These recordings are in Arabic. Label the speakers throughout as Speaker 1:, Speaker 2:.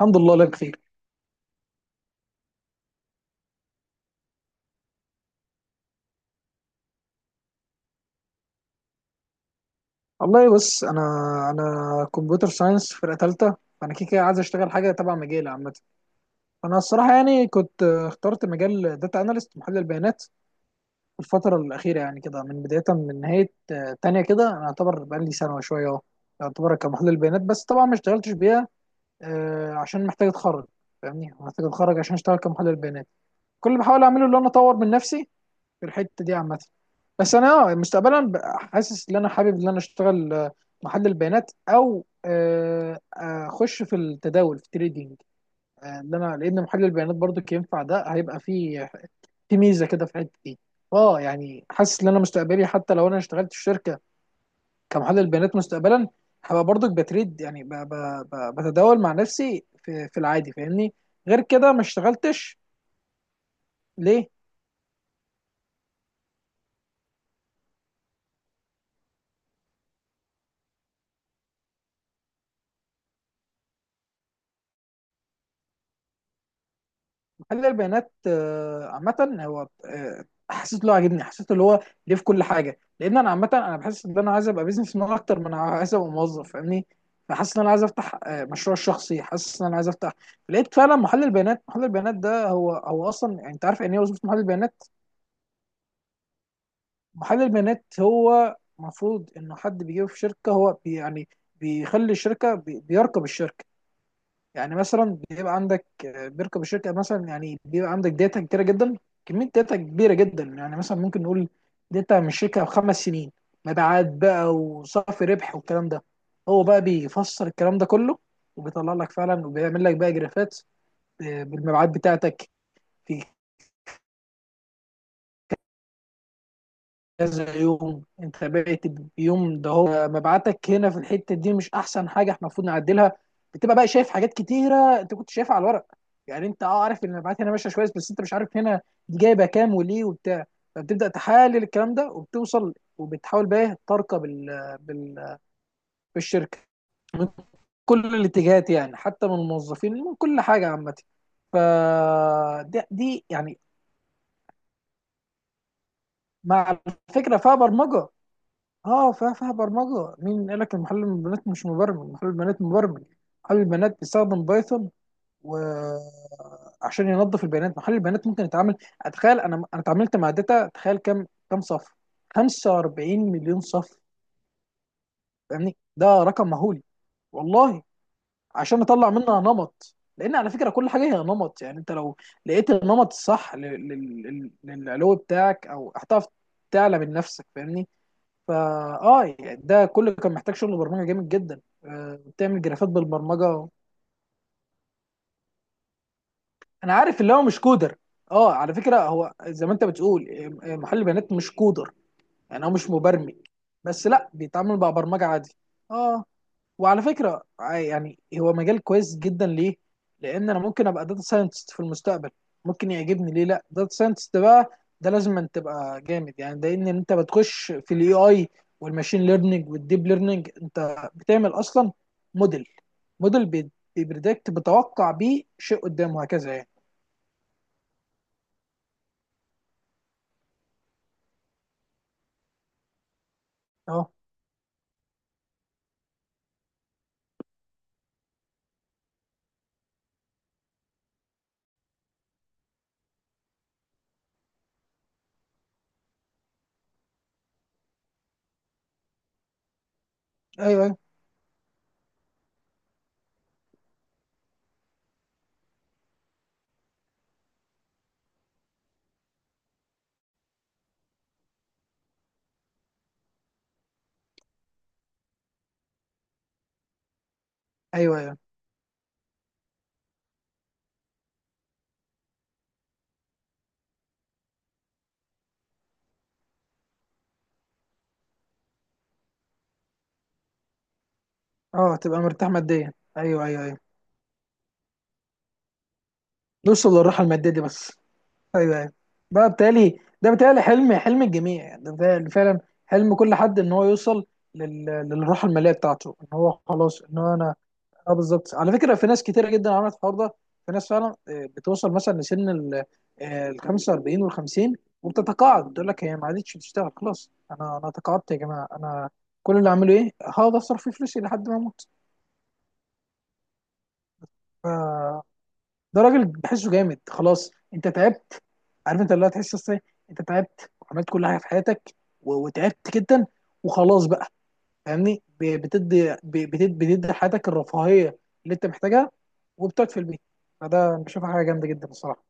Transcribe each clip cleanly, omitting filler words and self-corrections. Speaker 1: الحمد لله لا بخير. والله بص انا كمبيوتر ساينس فرقه ثالثه، فانا كده كده عايز اشتغل حاجه تبع مجالي عامه. فانا الصراحه يعني كنت اخترت مجال داتا اناليست، محلل بيانات في الفتره الاخيره. يعني كده من بدايه من نهايه تانية كده انا اعتبر بقالي سنه وشويه اهو اعتبر كمحلل بيانات، بس طبعا ما اشتغلتش بيها عشان محتاج اتخرج. فاهمني، محتاج اتخرج عشان اشتغل كمحلل بيانات. كل اللي بحاول اعمله ان انا اطور من نفسي في الحته دي عامه. بس انا اه مستقبلا حاسس ان انا حابب ان انا اشتغل محلل البيانات او اخش في التداول في التريدينج. ان انا لان محلل البيانات برضو ينفع، ده هيبقى فيه في ميزه كده في الحته دي. اه يعني حاسس ان انا مستقبلي حتى لو انا اشتغلت في شركه كمحلل بيانات مستقبلا هبقى برضو بتريد. يعني بتداول مع نفسي في العادي فاهمني. غير كده ما اشتغلتش. ليه محلل البيانات عامة هو حسيت له عاجبني، حسيت اللي هو ليه في كل حاجة. لأن أنا عامة أنا بحس إن أنا عايز أبقى بيزنس مان أكتر من أنا عايز أبقى موظف، فاهمني. فحاسس إن أنا عايز أفتح مشروع شخصي، حاسس إن أنا عايز أفتح. لقيت فعلا محلل البيانات، ده هو أصلا يعني أنت عارف يعني إيه وظيفة محلل البيانات؟ محلل البيانات هو المفروض إنه حد بيجيبه في شركة. هو يعني بيخلي الشركة بيراقب الشركة. يعني مثلا بيبقى عندك بيركب الشركه. مثلا يعني بيبقى عندك داتا كتيره جدا، كميه داتا كبيره جدا. يعني مثلا ممكن نقول داتا من الشركه بخمس سنين، مبيعات بقى وصافي ربح والكلام ده. هو بقى بيفسر الكلام ده كله وبيطلع لك فعلا وبيعمل لك بقى جرافات بالمبيعات بتاعتك في كذا يوم. انت بقيت بيوم ده هو مبعتك، هنا في الحته دي مش احسن حاجه احنا المفروض نعدلها. بتبقى بقى شايف حاجات كتيره انت كنت شايفها على الورق. يعني انت اه عارف ان المبيعات هنا ماشيه كويس، بس انت مش عارف هنا دي جايبه كام وليه وبتاع. فبتبدا تحلل الكلام ده وبتوصل وبتحاول بقى إيه ترقى بالشركه من كل الاتجاهات. يعني حتى من الموظفين من كل حاجه عامه. ف دي يعني مع الفكره فيها برمجه. اه فيها برمجه. مين قال لك المحلل البيانات مش مبرمج؟ محلل البيانات مبرمج. محلل البيانات بيستخدم بايثون و عشان ينظف البيانات. محلل البيانات ممكن يتعامل. اتخيل، انا اتعاملت مع داتا، تخيل كم، كم صف؟ 45 مليون صف. فاهمني، ده رقم مهول، والله. عشان نطلع منها نمط، لان على فكره كل حاجه هي نمط. يعني انت لو لقيت النمط الصح للعلو بتاعك، او هتعرف تعلى من نفسك فاهمني. فا اه يعني ده كله كان محتاج شغل برمجه جامد جدا. بتعمل جرافات بالبرمجه. انا عارف اللي هو مش كودر. اه على فكره هو زي ما انت بتقول محل بيانات مش كودر، يعني هو مش مبرمج. بس لا، بيتعامل مع برمجه عادي. اه، وعلى فكره يعني هو مجال كويس جدا. ليه؟ لان انا ممكن ابقى داتا ساينتست في المستقبل، ممكن يعجبني. ليه لا؟ داتا ساينتست بقى ده لازم أن تبقى جامد. يعني ده ان انت بتخش في الاي اي والماشين ليرنينج والديب ليرنينج. انت بتعمل اصلا موديل، موديل بي- بيبريدكت، بتوقع بيه شيء قدامه هكذا يعني. اه، ايوه ايوه ايوه ايوه. اه تبقى مرتاح ماديا، ايوه ايوه ايوه، نوصل للراحه الماديه دي بس. ايوه ايوه. ده بالتالي حلم، حلم الجميع. يعني ده بيتهيألي فعلا حلم كل حد ان هو يوصل للراحه الماليه بتاعته، ان هو خلاص، ان هو انا. اه بالظبط. على فكره في ناس كتيره جدا عملت الحوار ده. في ناس فعلا بتوصل مثلا لسن ال 45 وال 50 وبتتقاعد. بتقول لك هي ما عادتش بتشتغل، خلاص انا تقاعدت يا جماعه، انا كل اللي اعمله ايه، هقعد اصرف فيه فلوسي لحد ما اموت. ف- ده راجل بحسه جامد. خلاص انت تعبت، عارف انت اللي هتحس ازاي، انت تعبت وعملت كل حاجه في حياتك وتعبت جدا وخلاص بقى فاهمني. بتدي حياتك الرفاهيه اللي انت محتاجها وبتقعد في البيت. فده انا بشوفها حاجه جامده جدا الصراحه.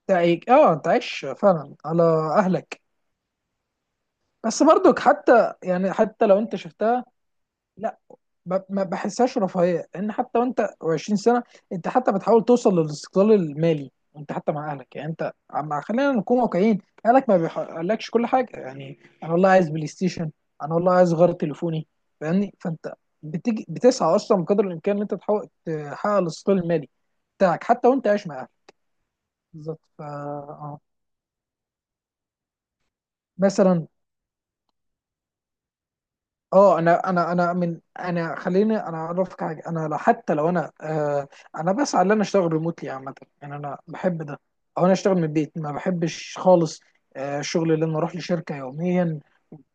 Speaker 1: اه انت عايش فعلا على اهلك. بس برضك حتى، يعني حتى لو انت شفتها لا، ما بحسهاش رفاهيه. لان حتى وانت 20 سنه انت حتى بتحاول توصل للاستقلال المالي. انت حتى مع اهلك، يعني انت عم خلينا نكون واقعيين، اهلك ما بيحققلكش كل حاجه. يعني انا والله عايز بلاي ستيشن، انا والله عايز غير تليفوني فاهمني. فانت بتيجي بتسعى اصلا بقدر الامكان ان انت تحاول تحقق الاستقلال المالي بتاعك حتى وانت عايش مع اهلك. بالظبط. فا اه مثلا، اه انا خليني انا اعرفك حاجه. انا لو حتى لو انا انا بسعى ان انا اشتغل ريموتلي عامه. يعني انا بحب ده، او انا اشتغل من البيت. ما بحبش خالص الشغل اللي انا اروح لشركه يوميا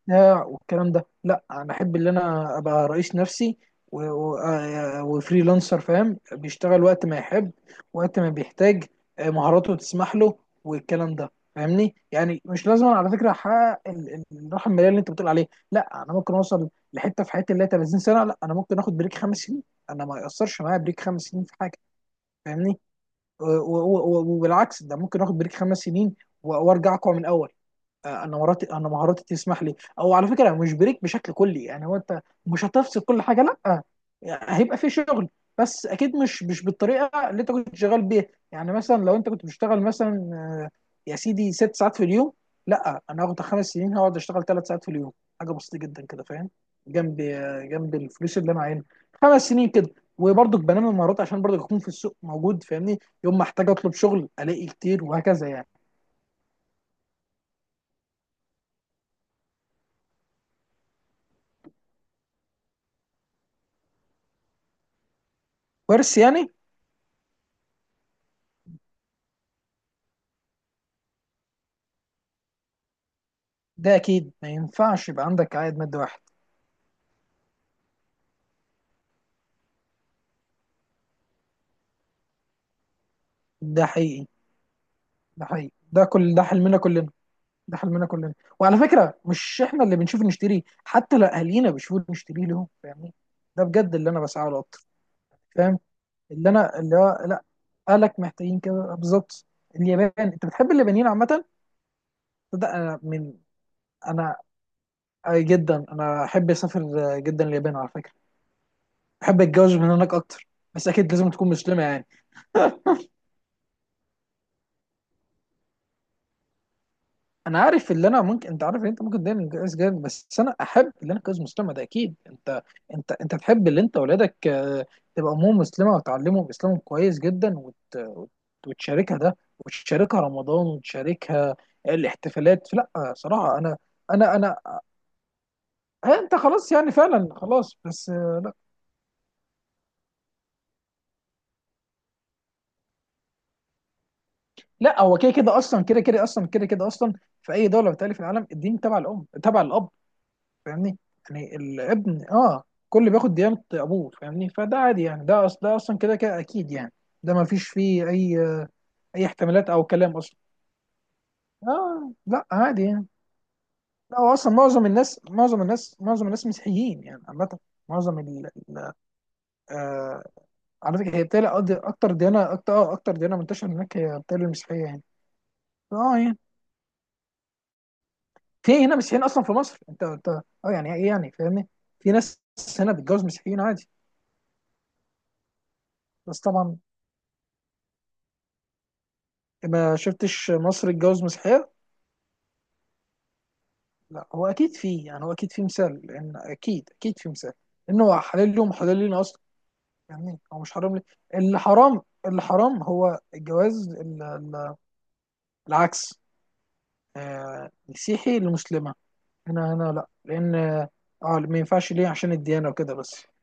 Speaker 1: بتاع والكلام ده. لا، انا احب ان انا ابقى رئيس نفسي وفريلانسر، فاهم، بيشتغل وقت ما يحب، وقت ما بيحتاج مهاراته تسمح له والكلام ده فاهمني. يعني مش لازم على فكره احقق ال- الراحه الماليه اللي انت بتقول عليها. لا، انا ممكن اوصل لحته في حياتي اللي هي 30 سنه. لا انا ممكن اخد بريك خمس سنين، انا ما ياثرش معايا بريك خمس سنين في حاجه فاهمني. وبالعكس ده، ممكن اخد بريك خمس سنين وارجع اقوى من الاول. انا مهاراتي تسمح لي. او على فكره مش بريك بشكل كلي. يعني هو انت مش هتفصل كل حاجه لا، يعني هيبقى في شغل بس اكيد مش بالطريقه اللي انت كنت شغال بيها. يعني مثلا لو انت كنت بتشتغل مثلا يا سيدي ست ساعات في اليوم، لا انا هاخد خمس سنين هقعد اشتغل ثلاث ساعات في اليوم، حاجه بسيطه جدا كده فاهم. جنب جنب الفلوس اللي انا عاينها خمس سنين كده. وبرضك بنمي المهارات عشان برضك اكون في السوق موجود فاهمني، يوم ما احتاج اطلب شغل الاقي كتير وهكذا يعني. ورث يعني؟ ده اكيد ما ينفعش يبقى عندك عائد مادي واحد. ده حقيقي. ده كل ده حلمنا كلنا. ده حلمنا كلنا وعلى فكره مش احنا اللي بنشوف نشتريه، حتى لو اهالينا بيشوفوا نشتريه لهم فاهمني. ده بجد اللي انا بسعى له اكتر. فاهم اللي انا اللي هو لا، اهلك محتاجين كده بالظبط. اليابان انت بتحب اليابانيين عامه. ده انا من انا جدا انا احب اسافر جدا اليابان على فكره. احب اتجوز من هناك اكتر، بس اكيد لازم تكون مسلمه يعني. انا عارف اللي انا ممكن، انت عارف ان انت ممكن دايما جايز جامد، بس انا احب اللي انا كجوز مسلمه ده اكيد. انت انت تحب اللي انت اولادك تبقى امهم مسلمه وتعلمهم اسلامهم كويس جدا وتشاركها ده، وتشاركها رمضان وتشاركها الاحتفالات. لا صراحه انا انت خلاص يعني فعلا خلاص. بس لا، لا هو كده كده اصلا في اي دوله بتالي في العالم الدين تبع الام تبع الاب فاهمني. يعني الابن اه كل بياخد ديانة ابوه فاهمني. فده عادي يعني ده اصلا كده كده اكيد يعني. ده ما فيش فيه اي احتمالات او كلام اصلا. اه لا عادي يعني. لا هو اصلا معظم الناس معظم الناس مسيحيين يعني عامة. معظم ال ال- آه، على فكرة هي بتالي اكتر ديانة، اكتر اكتر ديانة منتشرة هناك هي بتالي المسيحية يعني. اه يعني في هنا مسيحيين اصلا في مصر. انت اه يعني ايه يعني فاهمني. في ناس هنا بتتجوز مسيحيين عادي. بس طبعا ما شفتش مصر اتجوز مسيحية؟ لا هو أكيد فيه، يعني هو أكيد فيه مثال. لأن أكيد فيه مثال لأن هو حلال لهم وحلال لنا أصلا. يعني هو مش حرام ليه. اللي حرام هو الجواز العكس، مسيحي لمسلمة. هنا لا، لأن اه ما ينفعش ليه، عشان الديانة وكده بس.